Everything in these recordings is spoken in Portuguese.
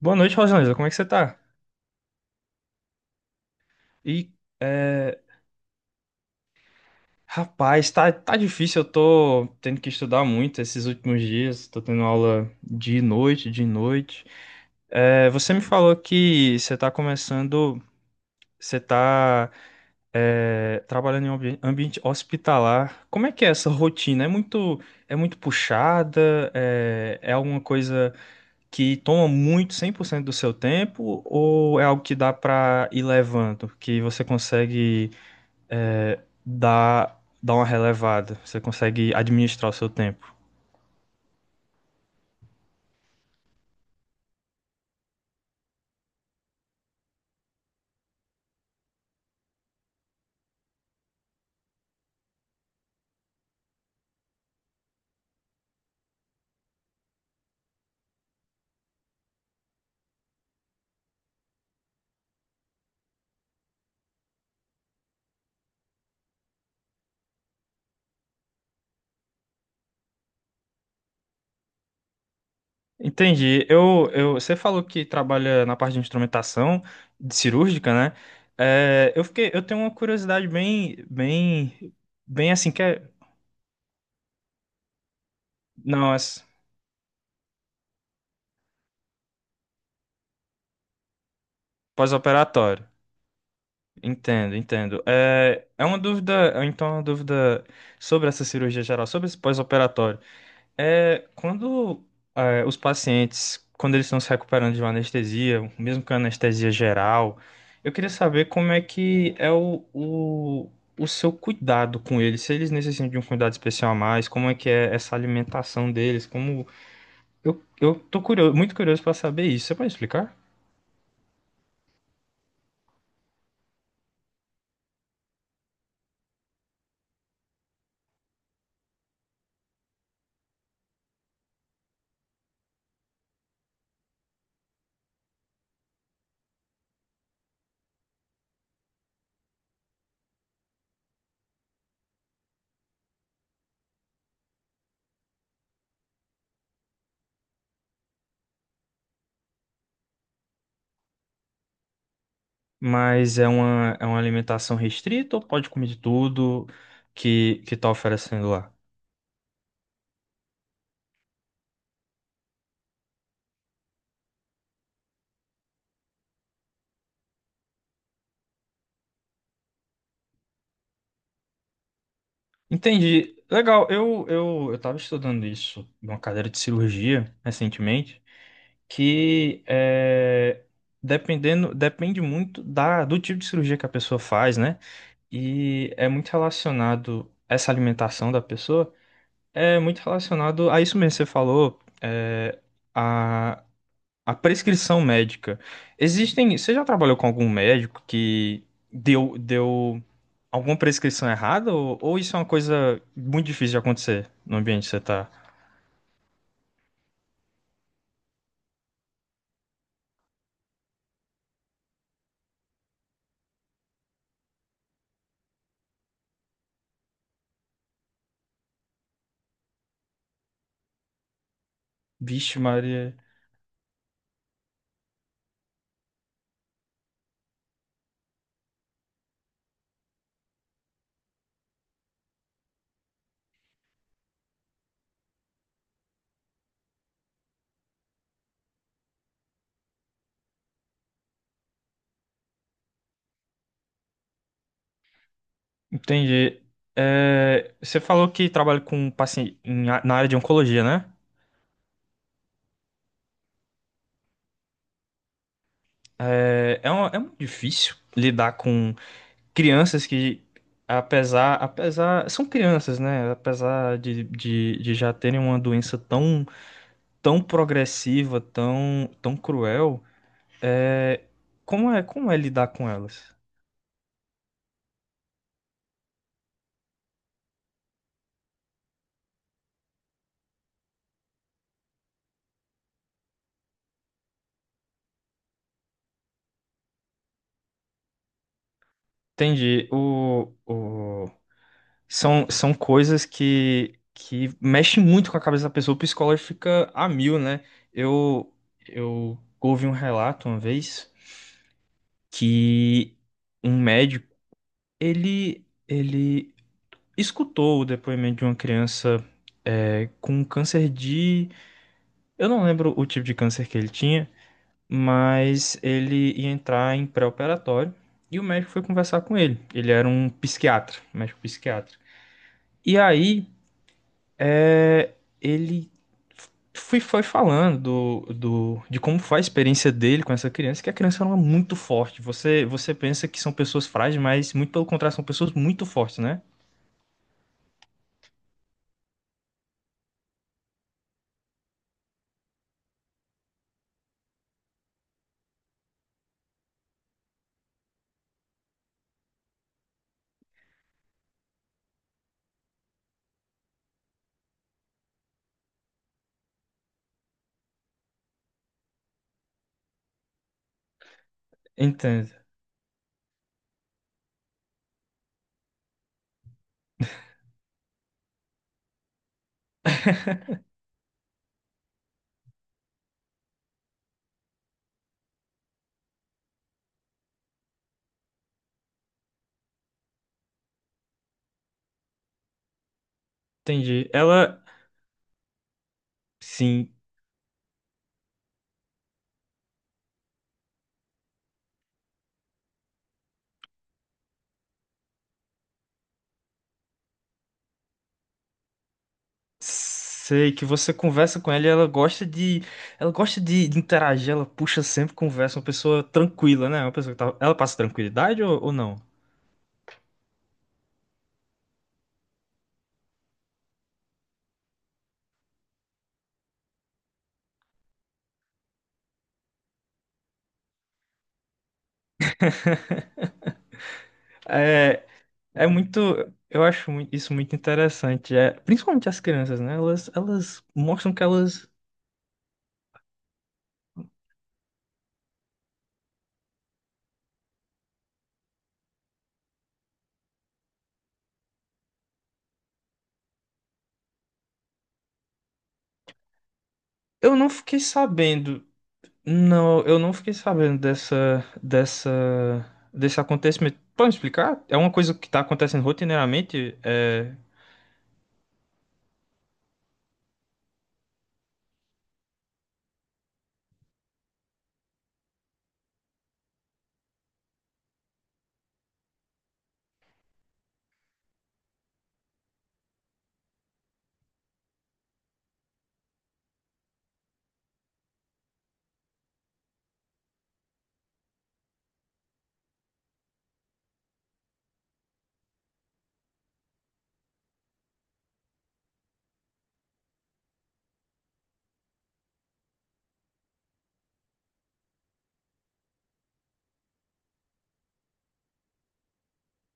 Boa noite, Rosaneza. Como é que você tá? E, é, rapaz, tá difícil. Eu tô tendo que estudar muito esses últimos dias. Tô tendo aula de noite, de noite. É, você me falou que você tá começando, você tá, é, trabalhando em um ambiente hospitalar. Como é que é essa rotina? É muito puxada? É, é alguma coisa que toma muito 100% do seu tempo, ou é algo que dá pra ir levando, que você consegue dar uma relevada, você consegue administrar o seu tempo? Entendi. Você falou que trabalha na parte de instrumentação de cirúrgica, né? É, eu fiquei, eu tenho uma curiosidade bem assim que não, é pós-operatório. Entendo, entendo. Então é uma dúvida sobre essa cirurgia geral, sobre esse pós-operatório. É, quando os pacientes, quando eles estão se recuperando de uma anestesia, mesmo com anestesia geral, eu queria saber como é que é o seu cuidado com eles, se eles necessitam de um cuidado especial a mais, como é que é essa alimentação deles, como... Eu tô curioso, muito curioso para saber isso, você pode explicar? Mas é uma alimentação restrita, ou pode comer de tudo que tá oferecendo lá? Entendi. Legal, eu tava estudando isso numa cadeira de cirurgia recentemente, que é, depende muito da, do tipo de cirurgia que a pessoa faz, né? E é muito relacionado, essa alimentação da pessoa é muito relacionado a isso mesmo que você falou, é, a prescrição médica. Existem. Você já trabalhou com algum médico que deu alguma prescrição errada? Ou isso é uma coisa muito difícil de acontecer no ambiente que você tá? Vixe, Maria. Entendi. É, você falou que trabalha com paciente em na área de oncologia, né? É muito difícil lidar com crianças que, apesar, são crianças, né? Apesar de já terem uma doença tão progressiva, tão cruel. é, como é lidar com elas? Entendi. O... São, são coisas que mexem muito com a cabeça da pessoa. O psicólogo fica a mil, né? Eu, eu ouvi um relato uma vez que um médico, ele escutou o depoimento de uma criança, é, com câncer de... Eu não lembro o tipo de câncer que ele tinha, mas ele ia entrar em pré-operatório e o médico foi conversar com ele. Ele era um psiquiatra, um médico psiquiatra. E aí, é, ele foi falando de como foi a experiência dele com essa criança, que a criança era muito forte. Você pensa que são pessoas frágeis, mas muito pelo contrário, são pessoas muito fortes, né? Entendo. Entendi. Ela, sim. Sei que você conversa com ela e ela gosta ela gosta de interagir, ela puxa sempre conversa, uma pessoa tranquila, né? Uma pessoa que tá, ela passa tranquilidade, ou não? É, é muito, eu acho isso muito interessante, é, principalmente as crianças, né? Elas mostram que elas, eu não fiquei sabendo, não, eu não fiquei sabendo dessa, desse acontecimento. Pode me explicar? É uma coisa que tá acontecendo rotineiramente? É,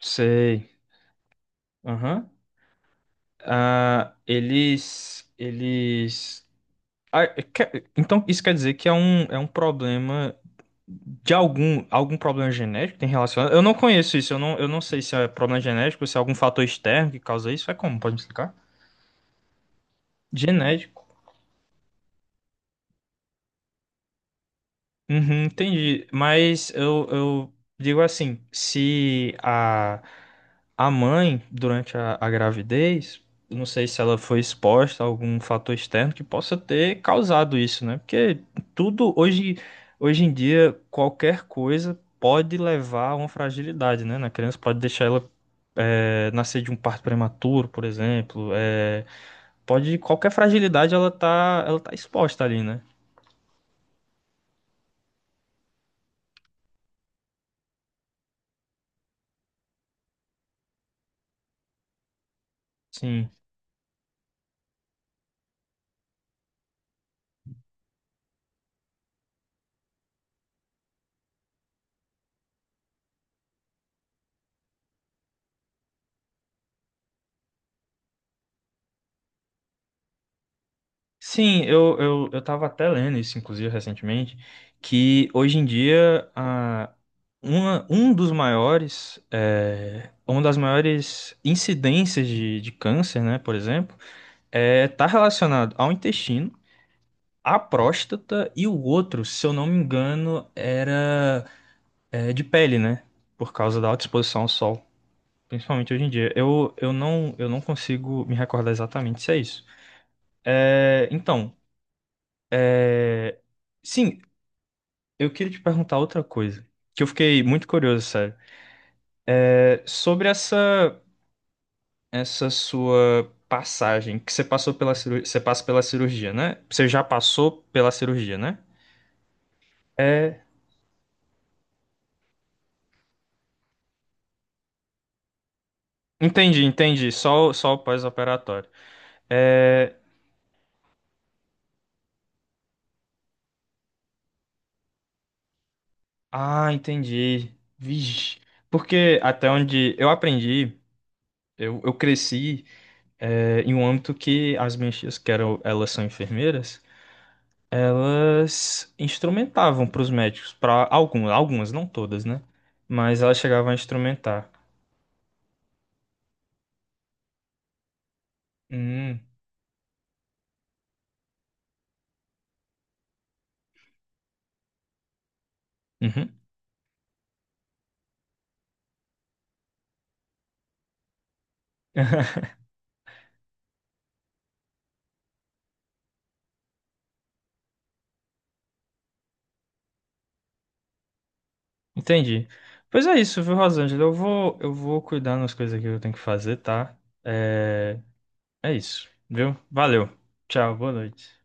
sei. Aham. Ah, eles, eles. Ah, então isso quer dizer que é é um problema de algum, algum problema genético que tem relacionado. Eu não conheço isso, eu não sei se é problema genético, se é algum fator externo que causa isso. É como? Pode me explicar? Genético. Uhum, entendi. Mas eu digo assim, se a mãe, durante a gravidez, eu não sei se ela foi exposta a algum fator externo que possa ter causado isso, né? Porque tudo hoje, hoje em dia, qualquer coisa pode levar a uma fragilidade, né? Na criança, pode deixar ela é, nascer de um parto prematuro, por exemplo. É, pode, qualquer fragilidade ela tá exposta ali, né? Sim. Sim, eu tava até lendo isso, inclusive, recentemente, que hoje em dia um dos uma das maiores incidências de câncer, né, por exemplo, é, tá relacionado ao intestino, à próstata, e o outro, se eu não me engano, era é, de pele, né, por causa da alta exposição ao sol. Principalmente hoje em dia. Eu não consigo me recordar exatamente se é isso. É, então, eh, sim, eu queria te perguntar outra coisa, que eu fiquei muito curioso, sério. É, sobre essa sua passagem, que você passou pela cirurgia, você passa pela cirurgia, né? Você já passou pela cirurgia, né? É, entendi, entendi. Só, só o pós-operatório. É... Ah, entendi. Vixe. Porque até onde eu aprendi, eu cresci é, em um âmbito que as minhas tias, que eram, elas são enfermeiras, elas instrumentavam para os médicos, para algumas, algumas, não todas, né? Mas elas chegavam a instrumentar. Hum, uhum. Entendi. Pois é isso, viu, Rosângela? Eu vou cuidar das coisas aqui que eu tenho que fazer, tá? É, é isso, viu? Valeu. Tchau, boa noite.